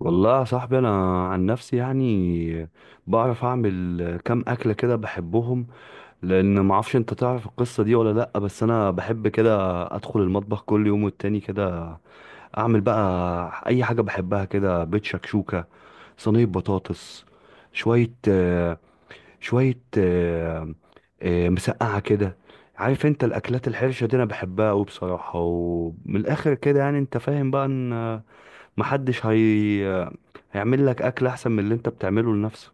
والله يا صاحبي، انا عن نفسي يعني بعرف اعمل كام اكله كده بحبهم. لان ما اعرفش انت تعرف القصه دي ولا لا، بس انا بحب كده ادخل المطبخ كل يوم والتاني كده، اعمل بقى اي حاجه بحبها كده. بيت شكشوكه، صينيه بطاطس، شويه شويه مسقعه كده. عارف انت الاكلات الحرشه دي انا بحبها قوي بصراحه، ومن الاخر كده يعني انت فاهم بقى ان محدش هي... هيعمل لك اكل احسن من اللي انت بتعمله لنفسك.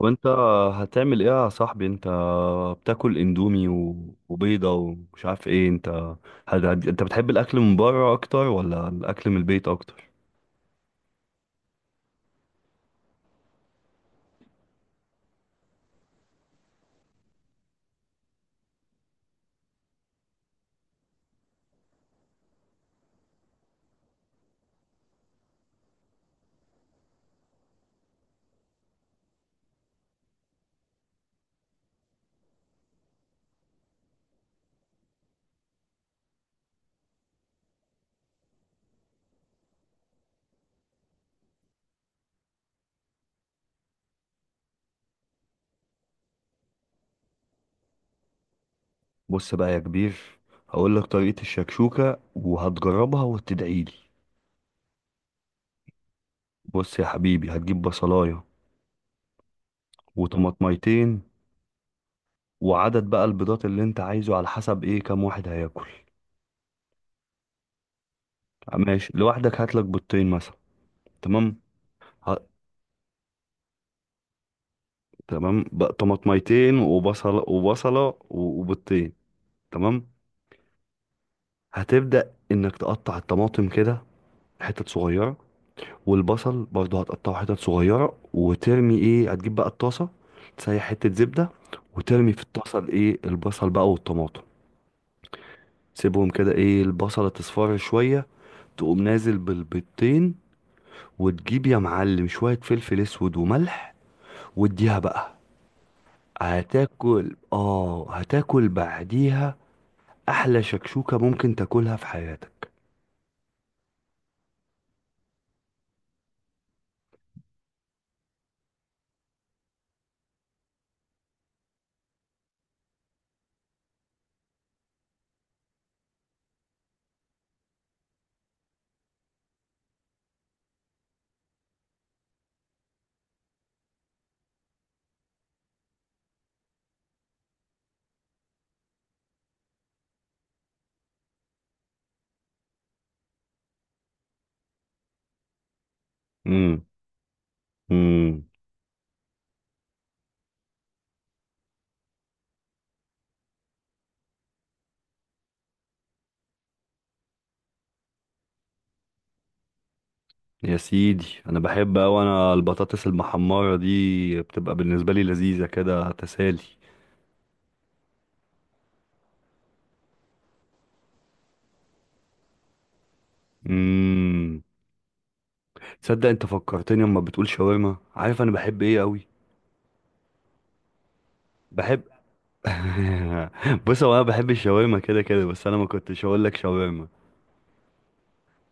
وانت هتعمل ايه يا صاحبي؟ انت بتاكل اندومي وبيضة ومش عارف ايه. انت بتحب الاكل من بره اكتر ولا الاكل من البيت اكتر؟ بص بقى يا كبير، هقول لك طريقة الشكشوكة وهتجربها وتدعيلي. بص يا حبيبي، هتجيب بصلاية وطماطميتين، وعدد بقى البيضات اللي انت عايزه على حسب ايه كام واحد هياكل. ماشي، لوحدك هاتلك بيضتين مثلا. تمام، تمام. طماطميتين وبصل وبصلة وبيضتين، تمام. هتبدأ انك تقطع الطماطم كده حتت صغيرة، والبصل برضه هتقطعه حتت صغيرة، وترمي ايه، هتجيب بقى الطاسة، تسيح حتة زبدة وترمي في الطاسة الايه البصل بقى والطماطم. سيبهم كده ايه البصلة تصفر شوية، تقوم نازل بالبيضتين، وتجيب يا معلم شوية فلفل اسود وملح، واديها بقى. هتاكل اه، هتاكل بعديها احلى شكشوكة ممكن تاكلها في حياتك. امم امم يا سيدي، انا بحب اوي، انا البطاطس المحمرة دي بتبقى بالنسبة لي لذيذة كده تسالي. امم تصدق، انت فكرتني اما بتقول شاورما، عارف انا بحب ايه قوي؟ بحب بص، هو انا بحب الشاورما كده كده، بس انا ما كنتش هقول لك شاورما.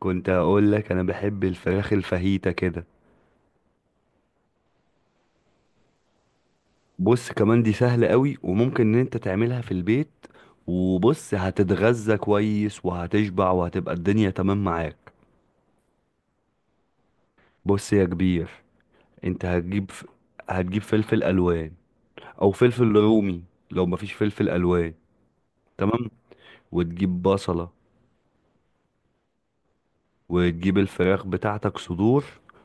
كنت هقول لك انا بحب الفراخ الفاهيتا كده. بص كمان دي سهلة قوي، وممكن ان انت تعملها في البيت، وبص هتتغذى كويس وهتشبع وهتبقى الدنيا تمام معاك. بص يا كبير، انت هتجيب ف... هتجيب فلفل الوان او فلفل رومي لو مفيش فلفل الوان. تمام، وتجيب بصلة، وتجيب الفراخ بتاعتك صدور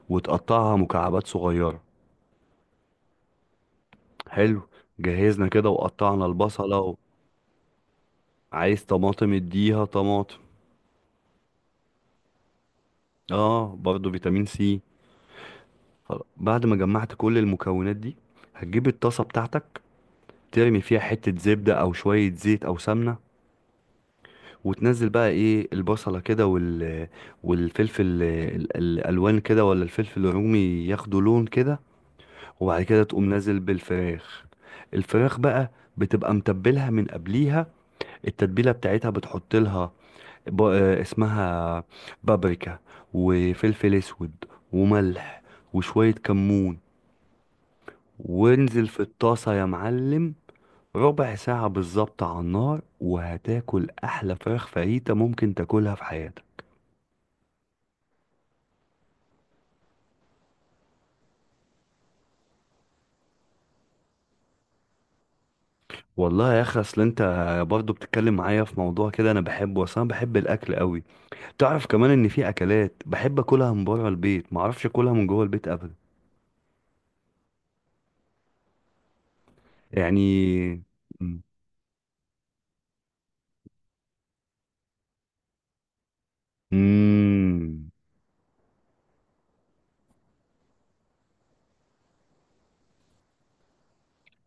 وتقطعها مكعبات صغيرة. حلو، جهزنا كده وقطعنا البصلة. عايز طماطم اديها طماطم، اه برضو فيتامين سي. خلاص. بعد ما جمعت كل المكونات دي، هتجيب الطاسة بتاعتك، ترمي فيها حتة زبدة أو شوية زيت أو سمنة، وتنزل بقى إيه البصلة كده والفلفل الألوان كده ولا الفلفل الرومي، ياخدوا لون كده، وبعد كده تقوم نازل بالفراخ. الفراخ بقى بتبقى متبلها من قبليها، التتبيلة بتاعتها بتحط لها ب... آه، اسمها بابريكا، وفلفل أسود، وملح، وشوية كمون، وانزل في الطاسة يا معلم. ربع ساعة بالظبط على النار، وهتاكل أحلى فراخ فاهيتا ممكن تاكلها في حياتك. والله يا أخي، أصل أنت برضه بتتكلم معايا في موضوع كده أنا بحبه، وأصل أنا بحب الأكل قوي. تعرف كمان إن في أكلات بحب أكلها من بره البيت معرفش أكلها من جوه البيت أبدا. يعني مم.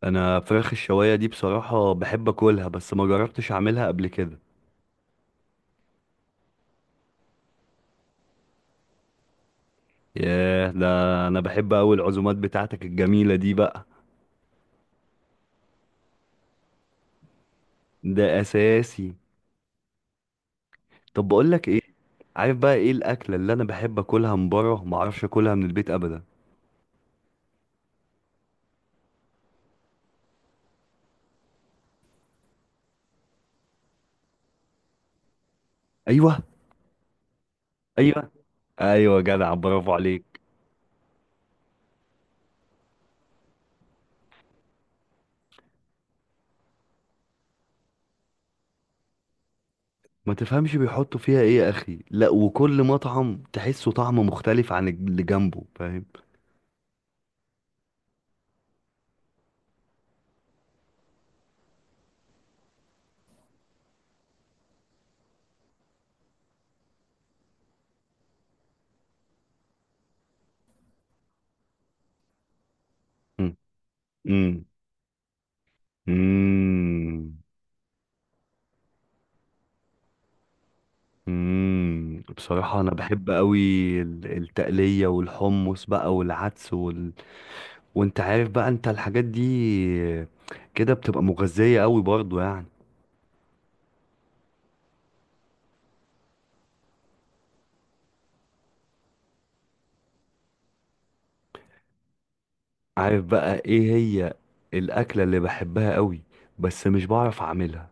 أنا فراخ الشواية دي بصراحة بحب أكلها، بس ما جربتش أعملها قبل كده. ياه، ده أنا بحب أوي العزومات بتاعتك الجميلة دي بقى. ده اساسي. طب بقول لك ايه، عارف بقى ايه الاكله اللي انا بحب اكلها من بره ما اعرفش اكلها من البيت ابدا؟ ايوه، ايوه، ايوه، جدع، برافو عليك. ما تفهمش بيحطوا فيها ايه يا اخي، لا وكل مطعم تحسه طعم مختلف عن اللي جنبه، فاهم. مم. مم. مم. مم. بصراحة أنا بحب أوي التقلية والحمص بقى والعدس وأنت عارف بقى أنت الحاجات دي كده بتبقى مغذية أوي برضو يعني. عارف بقى ايه هي الاكله اللي بحبها قوي بس مش بعرف اعملها؟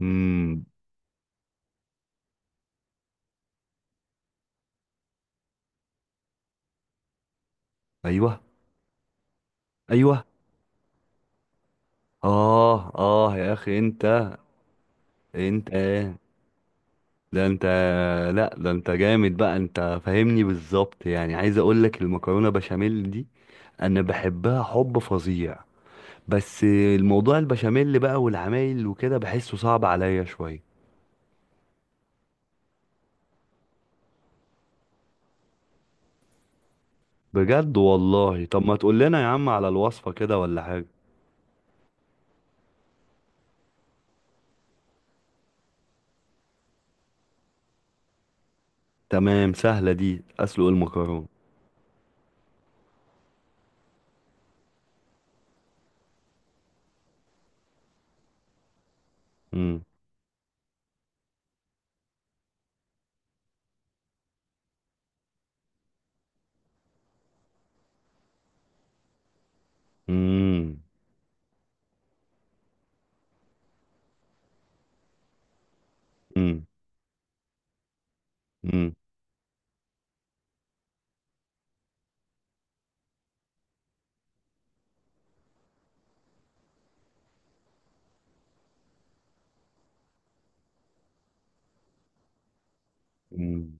امم ايوه، ايوه، اه، اه يا اخي، انت ده انت، لا ده انت جامد بقى، انت فاهمني بالظبط يعني. عايز اقول لك المكرونه بشاميل دي انا بحبها حب فظيع، بس الموضوع البشاميل بقى والعمايل وكده بحسه صعب عليا شويه. بجد، والله طب ما تقول لنا يا عم على الوصفه كده ولا حاجه. تمام، سهله دي اسلق المكرونه. مم. مم. مم. مم. مم.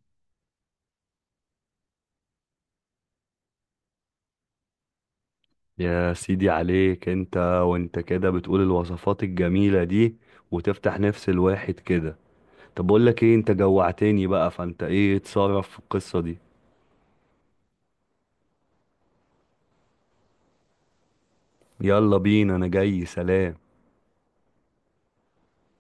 يا سيدي عليك، انت وانت كده بتقول الوصفات الجميلة دي وتفتح نفس الواحد كده. طب بقول لك ايه، انت جوعتني بقى، فانت ايه اتصرف في القصة دي. يلا بينا، انا جاي، سلام.